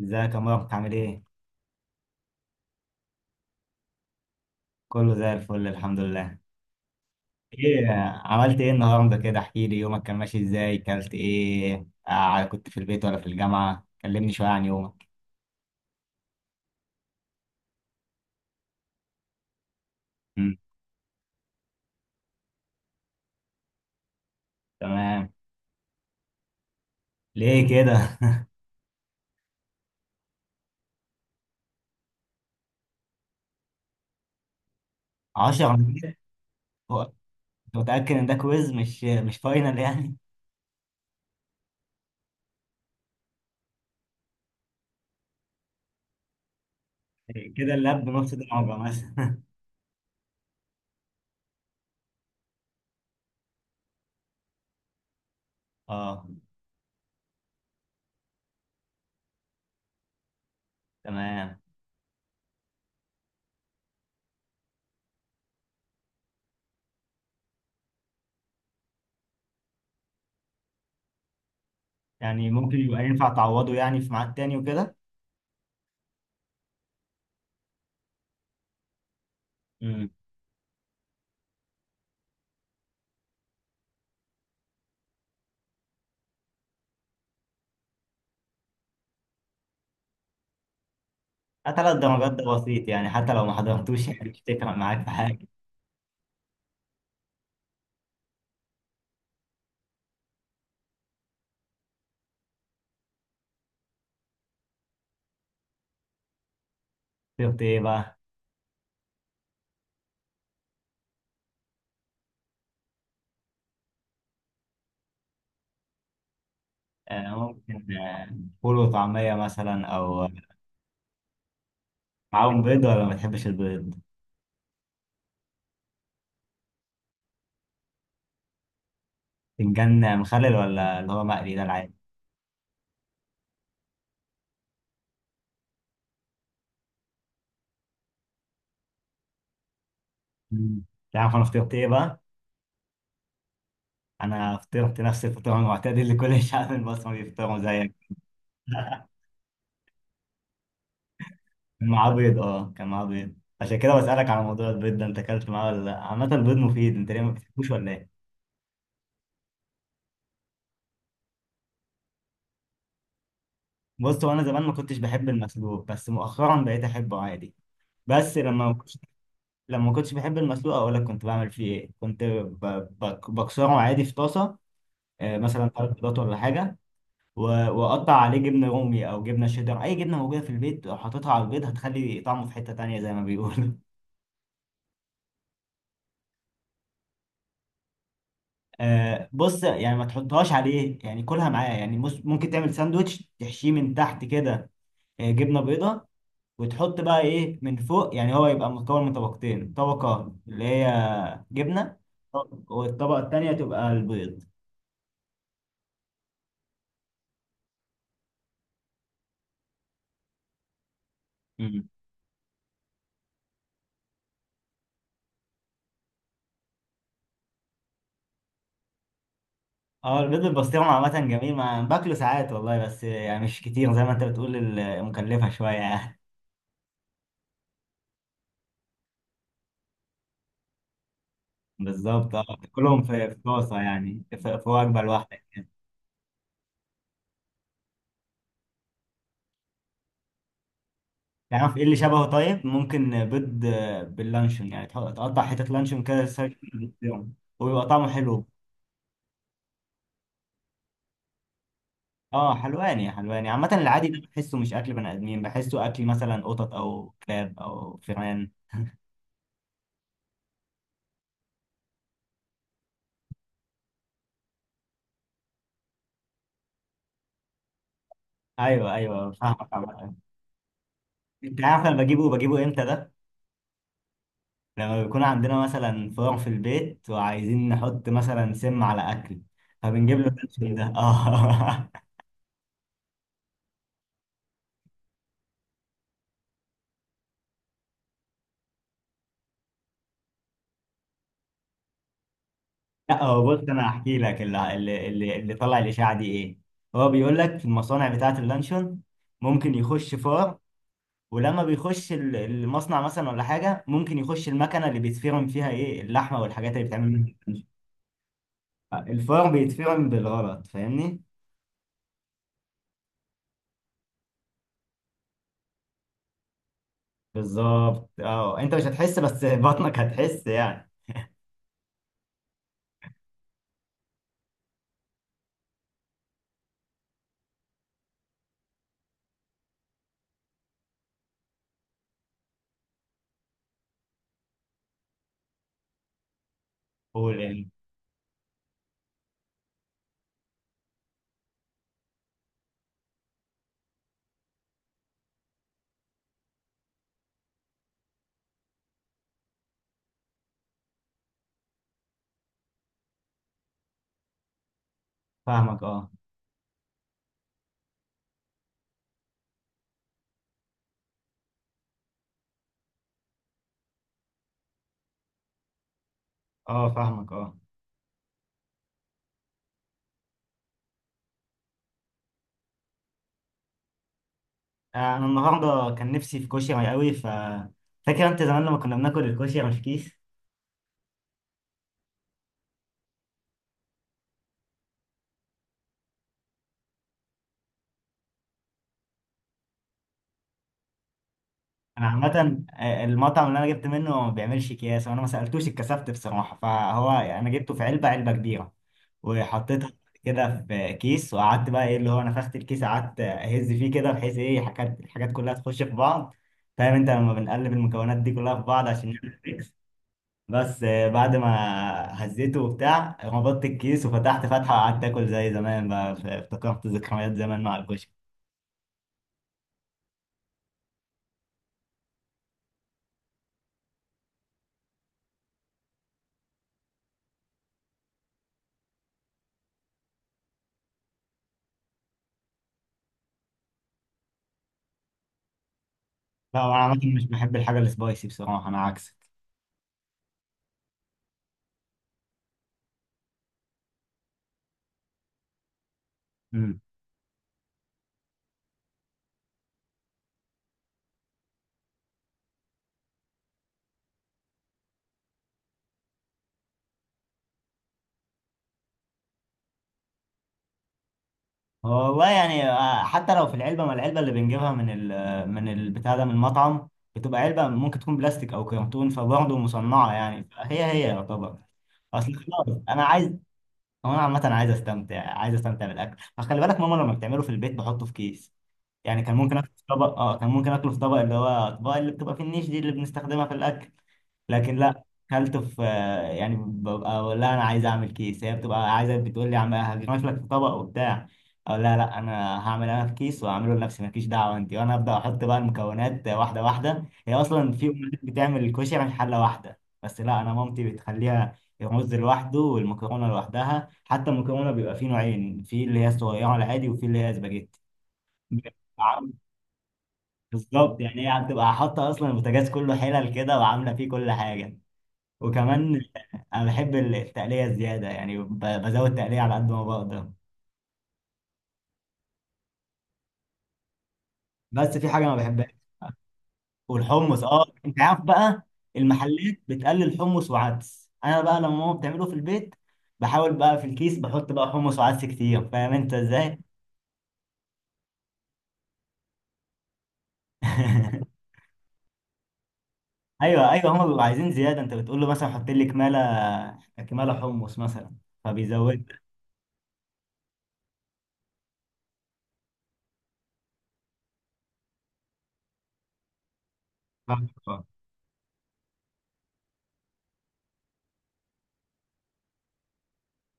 ازيك يا مروه، بتعمل ايه؟ كله زي الفل الحمد لله. ايه؟ عملت ايه النهارده؟ كده احكي لي، يومك كان ماشي ازاي؟ كلت ايه؟ كنت في البيت ولا في الجامعة؟ كلمني شوية عن يومك. مم. تمام. ليه كده؟ 10 من عشرة؟ هو انت متأكد ان ده كويز مش فاينل يعني؟ كده اللاب بنص درجة مثلا؟ اه. تمام. يعني ممكن يبقى ينفع تعوضه، يعني في ميعاد تاني وكده. امم. ثلاث درجات ده بسيط يعني، حتى لو ما حضرتوش يعني مش تفرق معاك في حاجة. شفت ايه بقى؟ آه، ممكن فول وطعمية مثلا، أو معاهم بيض؟ ولا ما بتحبش البيض؟ فنجان مخلل ولا اللي هو مقلي ده العادي؟ مم. تعرف أنا فطرت إيه بقى؟ أنا فطرت نفس الفطار المعتاد اللي كل الشعب المصري بيفطروا زيك. كان معاه بيض، أه كان معاه بيض. عشان كده بسألك على موضوع البيض ده، أنت أكلت معاه ولا لأ؟ عامة البيض مفيد، أنت ليه ما بتحبوش ولا إيه؟ بص، هو أنا زمان ما كنتش بحب المسلوق، بس مؤخرا بقيت أحبه عادي. بس لما لما ما كنتش بحب المسلوق، اقول لك كنت بعمل فيه ايه. كنت بكسره عادي في طاسه. مثلا ثلاث بيضات ولا حاجه، و- واقطع عليه جبنه رومي او جبنه شيدر، اي جبنه موجوده في البيت. لو حطيتها على البيض هتخلي طعمه في حته تانية زي ما بيقولوا. بص يعني ما تحطهاش عليه يعني كلها معاه، يعني ممكن تعمل ساندوتش تحشيه من تحت كده، جبنه بيضه، وتحط بقى ايه من فوق. يعني هو يبقى مكون من طبقتين، طبقه اللي هي جبنه، والطبقه التانية تبقى البيض. اه البيض بالبسطرمة عامة جميل، ما باكله ساعات والله، بس يعني مش كتير، زي ما انت بتقول مكلفة شوية يعني. بالظبط، اه، كلهم في طاسة يعني، في وجبة لوحدك. تعرف ايه اللي شبهه؟ طيب، ممكن بيض باللانشون، يعني تقطع حتة لانشون كده سايز بالبسطرمة، وبيبقى طعمه حلو. اه، حلواني، حلواني. عامة العادي ده بحسه مش أكل بني آدمين، بحسه أكل مثلا قطط أو كلاب أو فئران. ايوه، ايوه، فاهمك. عامة انت عارف انا بجيبه امتى ده؟ لما بيكون عندنا مثلا فار في البيت، وعايزين نحط مثلا سم على اكل، فبنجيب له السم ده. اه. لا، هو بص، انا هحكي لك اللي طلع الاشاعه دي ايه. هو بيقول لك في المصانع بتاعه اللانشون ممكن يخش فار. ولما بيخش المصنع مثلا ولا حاجه، ممكن يخش المكنه اللي بيتفرم فيها ايه، اللحمه والحاجات اللي بتعمل منها. الفار بيتفرم بالغلط، فاهمني؟ بالظبط، اه، انت مش هتحس، بس بطنك هتحس يعني. قول إيه. فاهمك، اه. اه، فاهمك، اه. انا النهارده كان نفسي في كشري قوي. فاكر انت زمان لما كنا بناكل الكشري مش كيس؟ انا عامه المطعم اللي انا جبت منه ما بيعملش اكياس، وانا ما سالتوش، اتكسفت بصراحه. فهو يعني انا جبته في علبه، علبه كبيره، وحطيتها كده في كيس، وقعدت بقى ايه، اللي هو نفخت الكيس، قعدت اهز فيه كده، بحيث ايه، حاجات، الحاجات كلها تخش في بعض. فاهم انت لما بنقلب المكونات دي كلها في بعض عشان نعمل mix؟ بس بعد ما هزيته وبتاع، ربطت الكيس، وفتحت فتحة، وقعدت اكل زي زمان بقى. افتكرت ذكريات زمان مع الكشري. لا، وانا عامة مش بحب الحاجة السبايسي بصراحة، انا عكسك. امم. هو والله يعني حتى لو في العلبة، ما العلبة اللي بنجيبها من ال، من البتاع ده، من المطعم، بتبقى علبة ممكن تكون بلاستيك او كرتون، فبرضه مصنعة يعني، هي يعتبر. اصل خلاص انا عايز، هو انا عامة عايز استمتع، عايز استمتع بالاكل. فخلي بالك، ماما لما بتعمله في البيت بحطه في كيس. يعني كان ممكن اكله في طبق، اه كان ممكن اكله في طبق، اللي هو الاطباق اللي بتبقى في النيش دي، اللي بنستخدمها في الاكل. لكن لا، اكلته في يعني، ببقى اقول لها انا عايز اعمل كيس، هي بتبقى عايزه بتقول لي عم هجمش لك في طبق وبتاع. اقول لها لا، انا هعمل انا في كيس واعمله لنفسي، مالكيش دعوه انت وانا ابدا. احط بقى المكونات واحده واحده. هي اصلا في امهات بتعمل الكشري من حله واحده، بس لا انا مامتي بتخليها الرز لوحده، والمكرونه لوحدها. حتى المكرونه بيبقى فيه نوعين، في اللي هي الصغيره العادي، وفي اللي هي سباجيتي. بالظبط، يعني هي هتبقى حاطه اصلا البوتاجاز كله حلل كده، وعامله فيه كل حاجه. وكمان انا بحب التقليه الزياده يعني، بزود تقليه على قد ما بقدر. بس في حاجه ما بحبهاش، والحمص. اه انت عارف بقى، المحلات بتقلل حمص وعدس، انا بقى لما ماما بتعمله في البيت، بحاول بقى في الكيس بحط بقى حمص وعدس كتير. فاهم انت ازاي؟ ايوه، ايوه، هم بيبقوا عايزين زياده. انت بتقول له مثلا حط لي كماله، كماله حمص مثلا، فبيزود.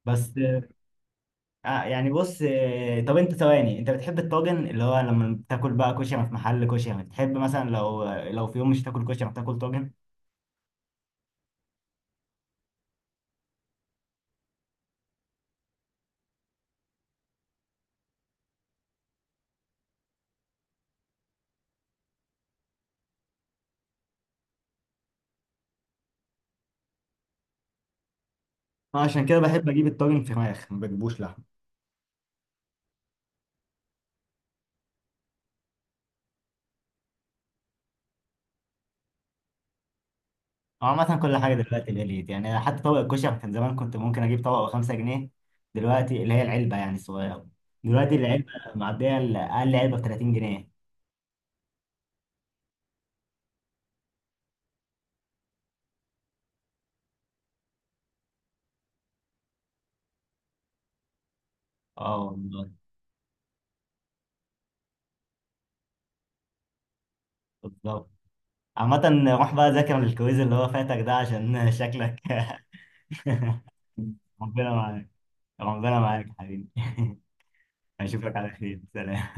بس يعني بص، طب انت ثواني، انت بتحب الطاجن؟ اللي هو لما بتاكل بقى كشري في محل كشري، بتحب مثلا لو، لو في يوم مش تاكل كشري بتاكل طاجن؟ انا عشان كده بحب اجيب الطاجن فراخ، ما بجيبوش لحمه. هو عامه كل حاجه دلوقتي غليت يعني، حتى طبق الكشري كان زمان كنت ممكن اجيب طبق ب 5 جنيه. دلوقتي اللي هي العلبه يعني الصغيره، دلوقتي العلبه معديه اقل علبه ب 30 جنيه. اه والله. بالظبط. عامة روح بقى ذاكر الكويز اللي هو فاتك ده، عشان شكلك. ربنا معاك. ربنا معاك يا حبيبي. اشوفك على خير، سلام.